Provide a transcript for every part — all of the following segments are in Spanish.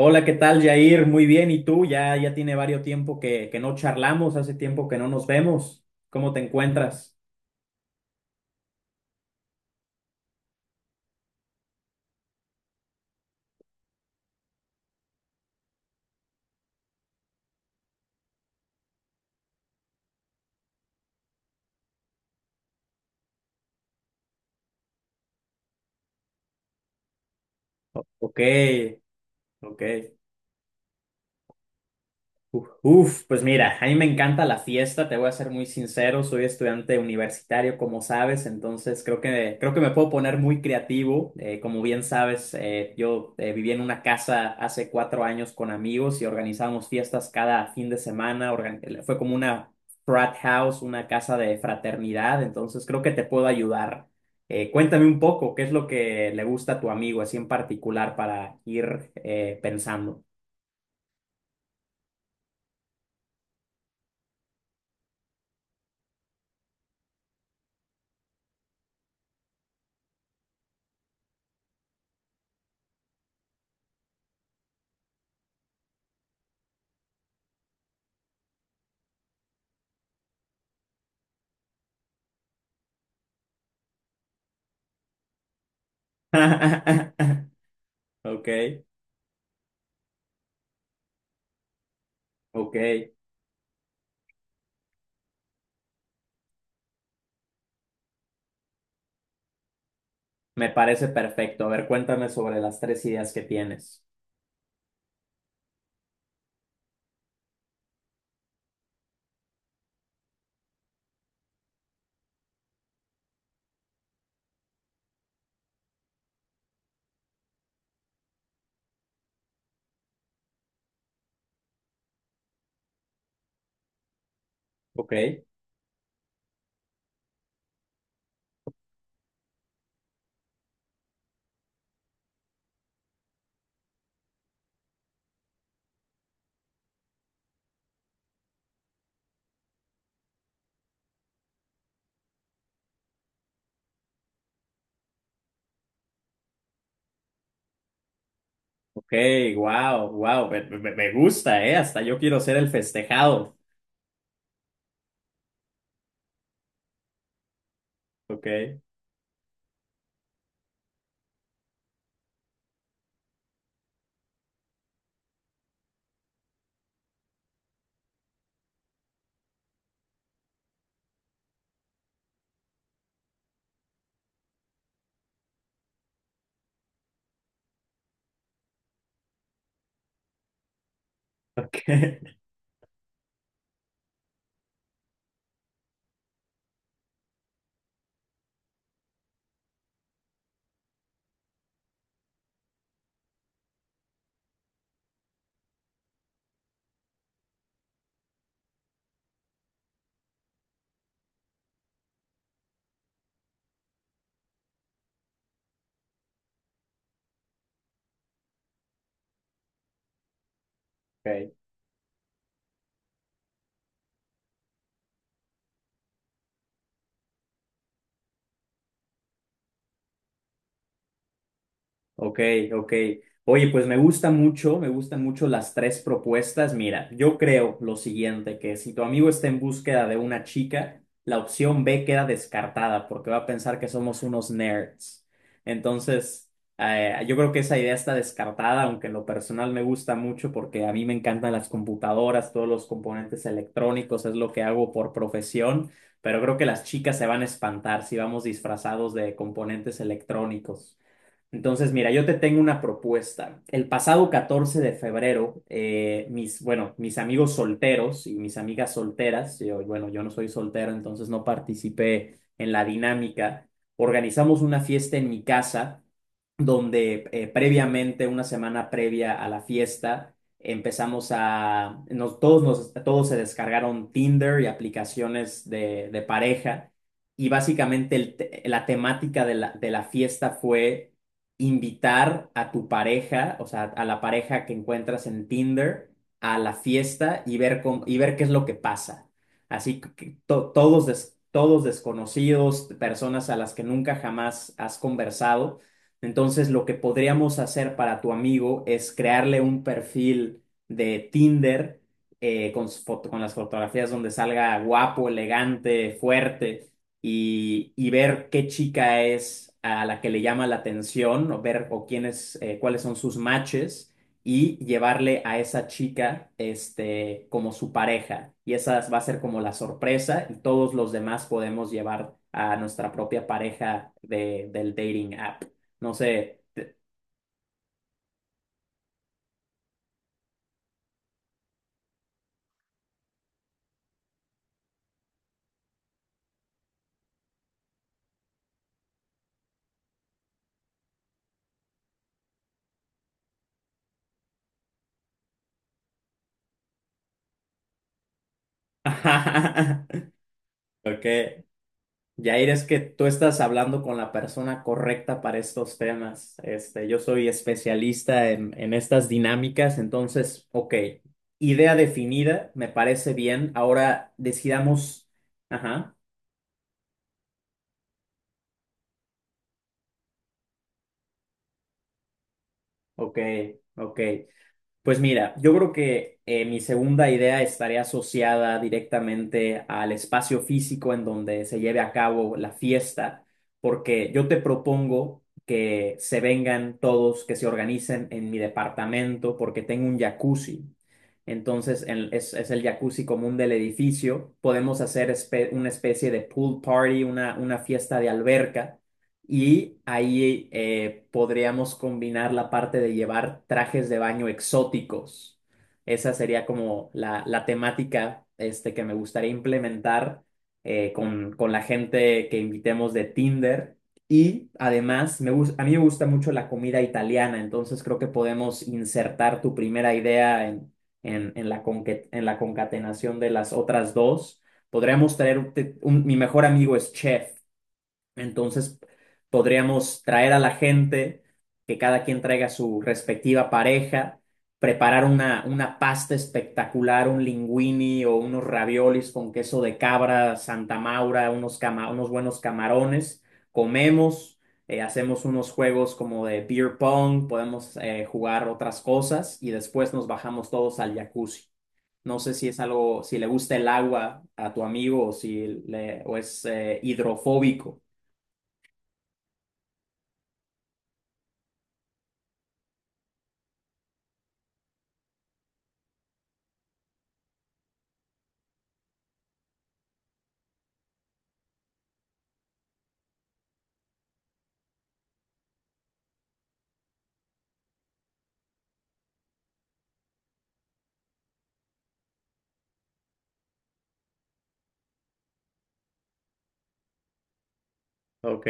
Hola, ¿qué tal, Jair? Muy bien, ¿y tú? Ya tiene varios tiempo que no charlamos, hace tiempo que no nos vemos. ¿Cómo te encuentras? Ok, ok. Pues mira, a mí me encanta la fiesta, te voy a ser muy sincero, soy estudiante universitario, como sabes, entonces creo que me puedo poner muy creativo. Como bien sabes, yo viví en una casa hace 4 años con amigos y organizábamos fiestas cada fin de semana, fue como una frat house, una casa de fraternidad, entonces creo que te puedo ayudar. Cuéntame un poco, ¿qué es lo que le gusta a tu amigo, así en particular, para ir pensando? Ok. Ok, me parece perfecto. A ver, cuéntame sobre las tres ideas que tienes. Ok, ok, wow, wow, me gusta, ¿eh? Hasta yo quiero ser el festejado. Ok, ok, ok. Ok, ok. Oye, pues me gusta mucho, me gustan mucho las tres propuestas. Mira, yo creo lo siguiente, que si tu amigo está en búsqueda de una chica, la opción B queda descartada porque va a pensar que somos unos nerds. Entonces, yo creo que esa idea está descartada, aunque en lo personal me gusta mucho porque a mí me encantan las computadoras, todos los componentes electrónicos, es lo que hago por profesión, pero creo que las chicas se van a espantar si vamos disfrazados de componentes electrónicos. Entonces, mira, yo te tengo una propuesta. El pasado 14 de febrero, mis amigos solteros y mis amigas solteras, yo, bueno, yo no soy soltero, entonces no participé en la dinámica, organizamos una fiesta en mi casa donde previamente, una semana previa a la fiesta, empezamos a, nos, todos se descargaron Tinder y aplicaciones de pareja y básicamente la temática de la fiesta fue invitar a tu pareja, o sea, a la pareja que encuentras en Tinder, a la fiesta y ver y ver qué es lo que pasa. Así que todos, todos desconocidos, personas a las que nunca jamás has conversado. Entonces, lo que podríamos hacer para tu amigo es crearle un perfil de Tinder con las fotografías donde salga guapo, elegante, fuerte y ver qué chica es a la que le llama la atención, o ver o quiénes, cuáles son sus matches, y llevarle a esa chica este, como su pareja. Y esa va a ser como la sorpresa, y todos los demás podemos llevar a nuestra propia pareja de, del dating app. No sé. Ok. Yair, es que tú estás hablando con la persona correcta para estos temas. Este, yo soy especialista en estas dinámicas, entonces, ok, idea definida, me parece bien. Ahora decidamos, ajá, ok, ok. Pues mira, yo creo que mi segunda idea estaría asociada directamente al espacio físico en donde se lleve a cabo la fiesta, porque yo te propongo que se vengan todos, que se organicen en mi departamento, porque tengo un jacuzzi. Entonces, es el jacuzzi común del edificio. Podemos hacer una especie de pool party, una fiesta de alberca y ahí podríamos combinar la parte de llevar trajes de baño exóticos. Esa sería como la temática este, que me gustaría implementar con la gente que invitemos de Tinder. Y además, a mí me gusta mucho la comida italiana, entonces creo que podemos insertar tu primera idea en la concatenación de las otras dos. Podríamos traer, un- te- un- Mi mejor amigo es chef. Entonces, podríamos traer a la gente, que cada quien traiga su respectiva pareja, preparar una pasta espectacular, un linguini o unos raviolis con queso de cabra, Santa Maura, unos buenos camarones. Comemos, hacemos unos juegos como de beer pong, podemos jugar otras cosas y después nos bajamos todos al jacuzzi. No sé si es algo, si le gusta el agua a tu amigo o si le, o es hidrofóbico. Ok,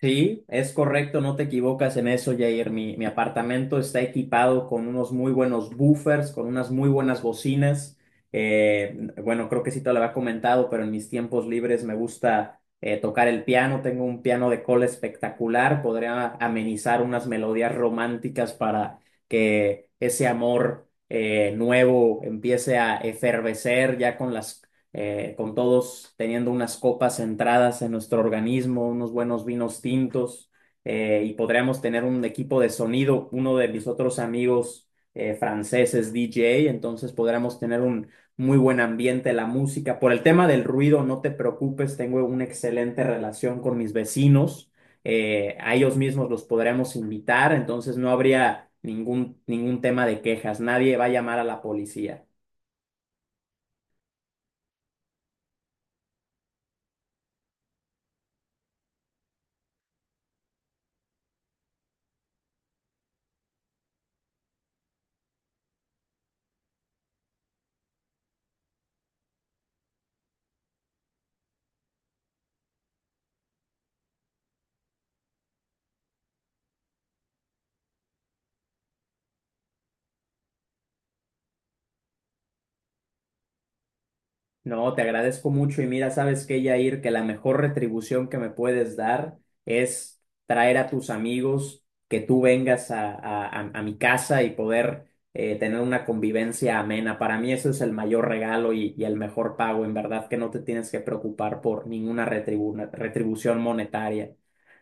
sí, es correcto, no te equivocas en eso, Jair. Mi apartamento está equipado con unos muy buenos buffers, con unas muy buenas bocinas. Eh, bueno, creo que sí te lo había comentado, pero en mis tiempos libres me gusta tocar el piano. Tengo un piano de cola espectacular. Podría amenizar unas melodías románticas para que ese amor nuevo empiece a efervecer ya con las con todos teniendo unas copas centradas en nuestro organismo, unos buenos vinos tintos, y podríamos tener un equipo de sonido, uno de mis otros amigos franceses, DJ, entonces podríamos tener un muy buen ambiente, la música. Por el tema del ruido, no te preocupes, tengo una excelente relación con mis vecinos, a ellos mismos los podremos invitar, entonces no habría ningún tema de quejas, nadie va a llamar a la policía. No, te agradezco mucho y mira, sabes qué, Yair, que la mejor retribución que me puedes dar es traer a tus amigos, que tú vengas a mi casa y poder tener una convivencia amena. Para mí eso es el mayor regalo y el mejor pago. En verdad que no te tienes que preocupar por ninguna retribución monetaria.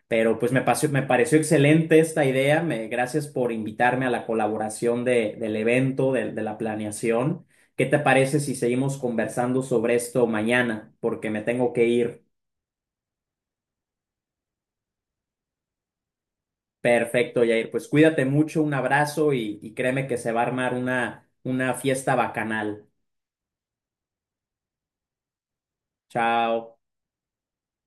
Pero pues me pareció excelente esta idea. Gracias por invitarme a la colaboración del evento, de la planeación. ¿Qué te parece si seguimos conversando sobre esto mañana? Porque me tengo que ir. Perfecto, Jair. Pues cuídate mucho, un abrazo y créeme que se va a armar una fiesta bacanal. Chao.